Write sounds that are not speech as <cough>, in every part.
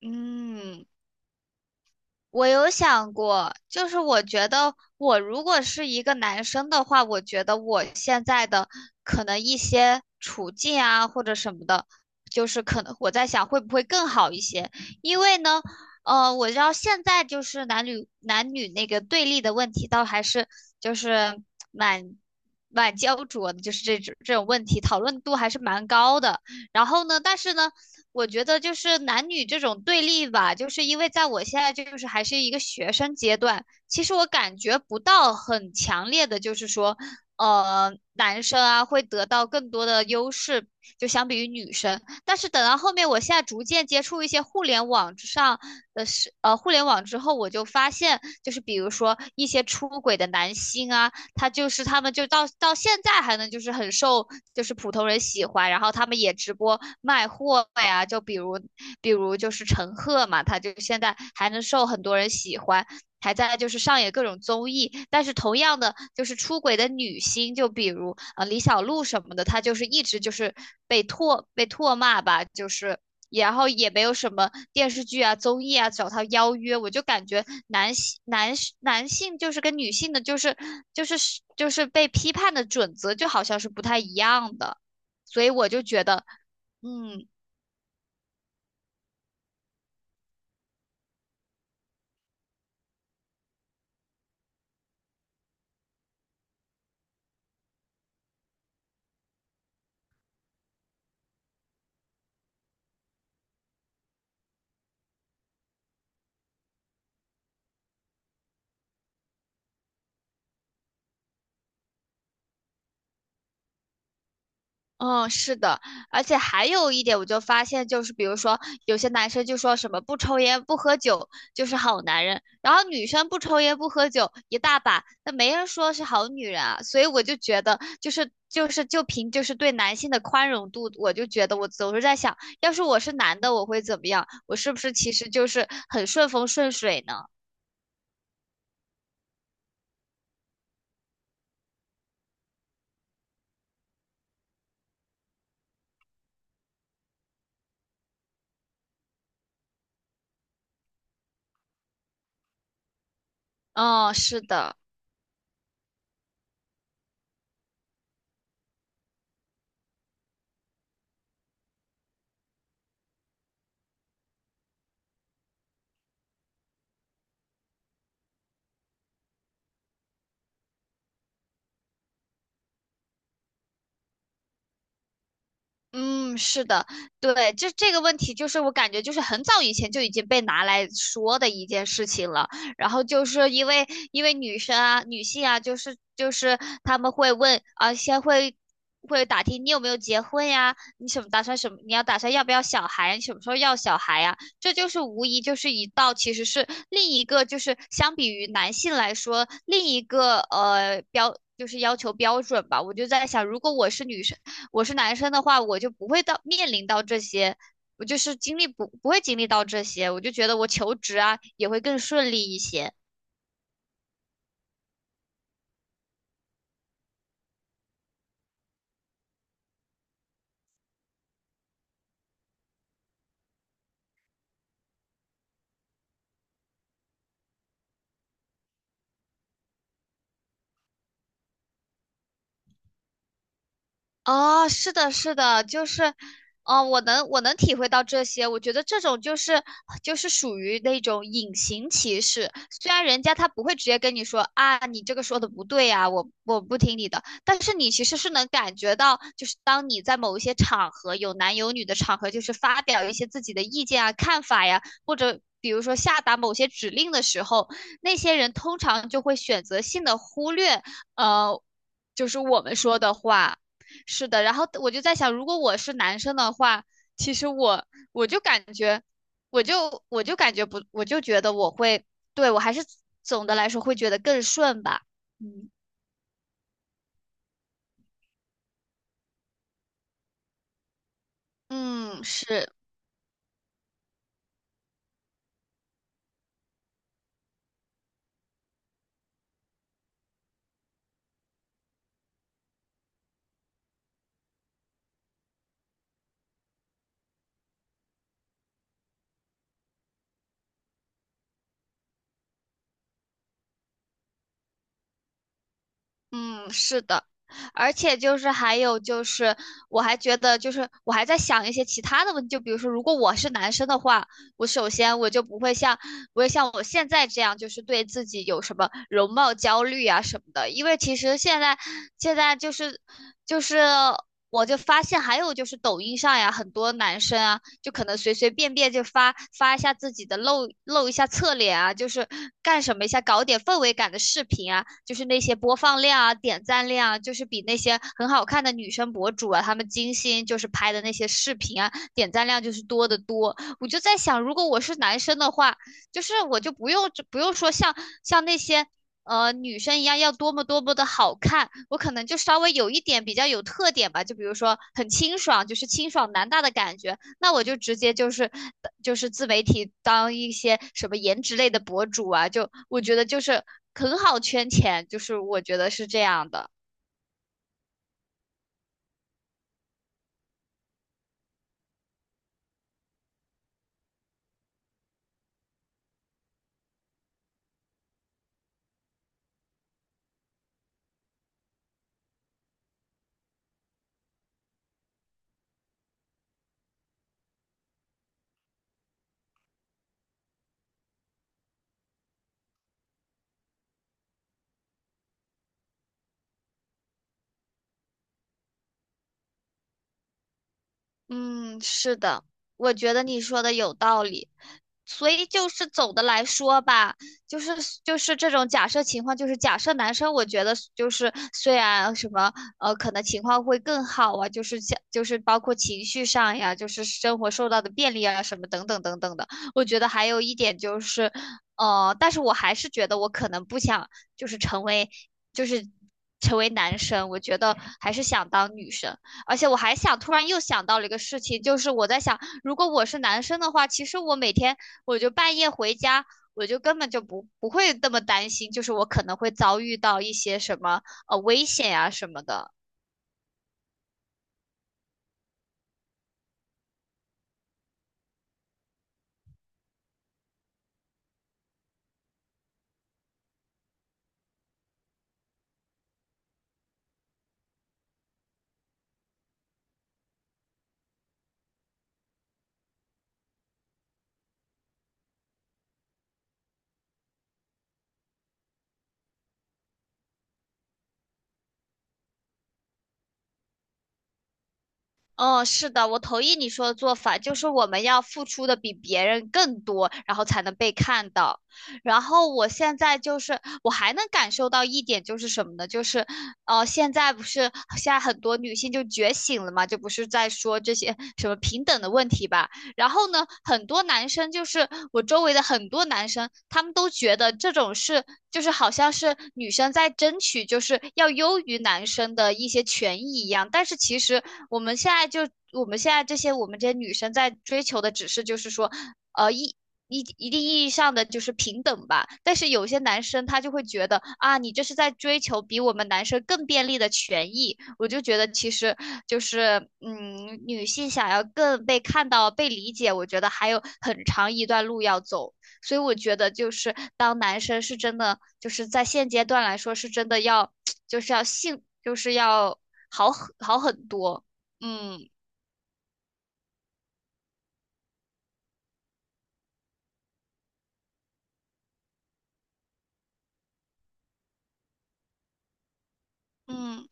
嗯，我有想过，就是我觉得我如果是一个男生的话，我觉得我现在的可能一些处境啊或者什么的，就是可能我在想会不会更好一些。因为呢，我知道现在就是男女那个对立的问题，倒还是就是蛮蛮焦灼的，就是这种问题讨论度还是蛮高的。然后呢，但是呢。我觉得就是男女这种对立吧，就是因为在我现在就是还是一个学生阶段，其实我感觉不到很强烈的。就是说，男生啊会得到更多的优势，就相比于女生。但是等到后面，我现在逐渐接触一些互联网之上的是，互联网之后，我就发现，就是比如说一些出轨的男星啊，他们就到现在还能就是很受就是普通人喜欢，然后他们也直播卖货呀，就比如就是陈赫嘛，他就现在还能受很多人喜欢。还在就是上演各种综艺，但是同样的就是出轨的女星，就比如李小璐什么的，她就是一直就是被唾骂吧，就是然后也没有什么电视剧啊、综艺啊找他邀约。我就感觉男性就是跟女性的，就是就是被批判的准则，就好像是不太一样的。所以我就觉得，嗯，嗯，是的，而且还有一点，我就发现，就是比如说，有些男生就说什么不抽烟不喝酒就是好男人，然后女生不抽烟不喝酒一大把，那没人说是好女人啊。所以我就觉得，就凭就是对男性的宽容度，我就觉得我总是在想，要是我是男的，我会怎么样？我是不是其实就是很顺风顺水呢？嗯，是的。嗯，是的，对，就这个问题，就是我感觉就是很早以前就已经被拿来说的一件事情了。然后就是因为女生啊、女性啊，就是就是他们会问啊，先会打听你有没有结婚呀，你什么打算什么，你要打算要不要小孩，你什么时候要小孩呀？这就是无疑就是一道，其实是另一个就是相比于男性来说，另一个标。就是要求标准吧，我就在想，如果我是女生。我是男生的话，我就不会到面临到这些，我就是经历不会经历到这些，我就觉得我求职啊也会更顺利一些。哦，是的，是的，就是，哦，我能体会到这些。我觉得这种就是就是属于那种隐形歧视，虽然人家他不会直接跟你说啊，你这个说的不对呀、我不听你的，但是你其实是能感觉到，就是当你在某一些场合有男有女的场合，就是发表一些自己的意见啊、看法呀，或者。比如说下达某些指令的时候，那些人通常就会选择性的忽略，呃，就是我们说的话。是的，然后我就在想，如果我是男生的话，其实我就感觉，我就感觉不，我就觉得我会，对，我还是总的来说会觉得更顺吧。嗯，嗯，是。嗯，是的，而且就是还有就是，我还觉得就是我还在想一些其他的问题，就比如说，如果我是男生的话，我首先我就不会像我现在这样，就是对自己有什么容貌焦虑啊什么的，因为其实现在就是就是。我就发现还有就是抖音上呀，很多男生啊，就可能随随便便就发一下自己的露一下侧脸啊，就是干什么一下，搞点氛围感的视频啊，就是那些播放量啊、点赞量啊，就是比那些很好看的女生博主啊，她们精心就是拍的那些视频啊，点赞量就是多得多。我就在想，如果我是男生的话，就是我就不用说像那些女生一样要多么多么的好看，我可能就稍微有一点比较有特点吧，就比如说很清爽，就是清爽男大的感觉，那我就直接就是就是自媒体当一些什么颜值类的博主啊，就我觉得就是很好圈钱，就是我觉得是这样的。嗯，是的，我觉得你说的有道理。所以就是总的来说吧，就是就是这种假设情况，就是假设男生，我觉得就是虽然什么可能情况会更好啊，就是像就是包括情绪上呀，就是生活受到的便利啊，什么等等等等的。我觉得还有一点就是，但是我还是觉得我可能不想就是成为就是成为男生，我觉得还是想当女生。而且我还想，突然又想到了一个事情，就是我在想，如果我是男生的话，其实我每天我就半夜回家，我就根本就不会那么担心，就是我可能会遭遇到一些什么危险啊什么的。哦，是的，我同意你说的做法，就是我们要付出的比别人更多，然后才能被看到。然后我现在就是，我还能感受到一点就是什么呢？就是，哦，现在不是现在很多女性就觉醒了嘛，就不是在说这些什么平等的问题吧？然后呢，很多男生就是我周围的很多男生，他们都觉得这种事就是好像是女生在争取就是要优于男生的一些权益一样，但是其实我们现在就我们现在这些我们这些女生在追求的只是就是说。呃，一一一定意义上的就是平等吧。但是有些男生他就会觉得啊，你这是在追求比我们男生更便利的权益。我就觉得其实就是嗯，女性想要更被看到、被理解，我觉得还有很长一段路要走。所以我觉得就是当男生是真的就是在现阶段来说是真的要 <tsk> 就是要性就是要好很好很多。嗯嗯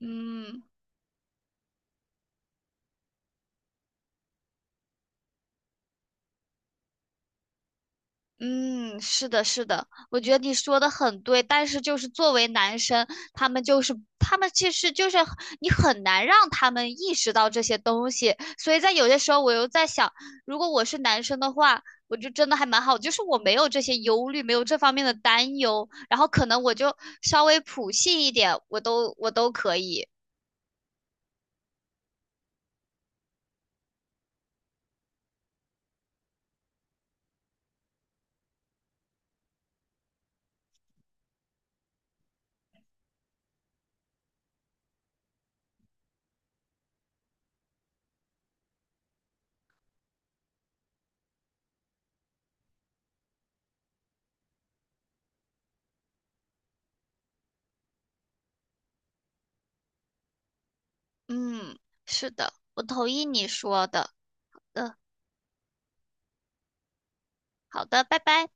嗯。嗯，是的，是的，我觉得你说的很对，但是就是作为男生，他们其实就是你很难让他们意识到这些东西，所以在有些时候我又在想，如果我是男生的话，我就真的还蛮好，就是我没有这些忧虑，没有这方面的担忧，然后可能我就稍微普信一点，我都可以。嗯，是的，我同意你说的。嗯，好的，拜拜。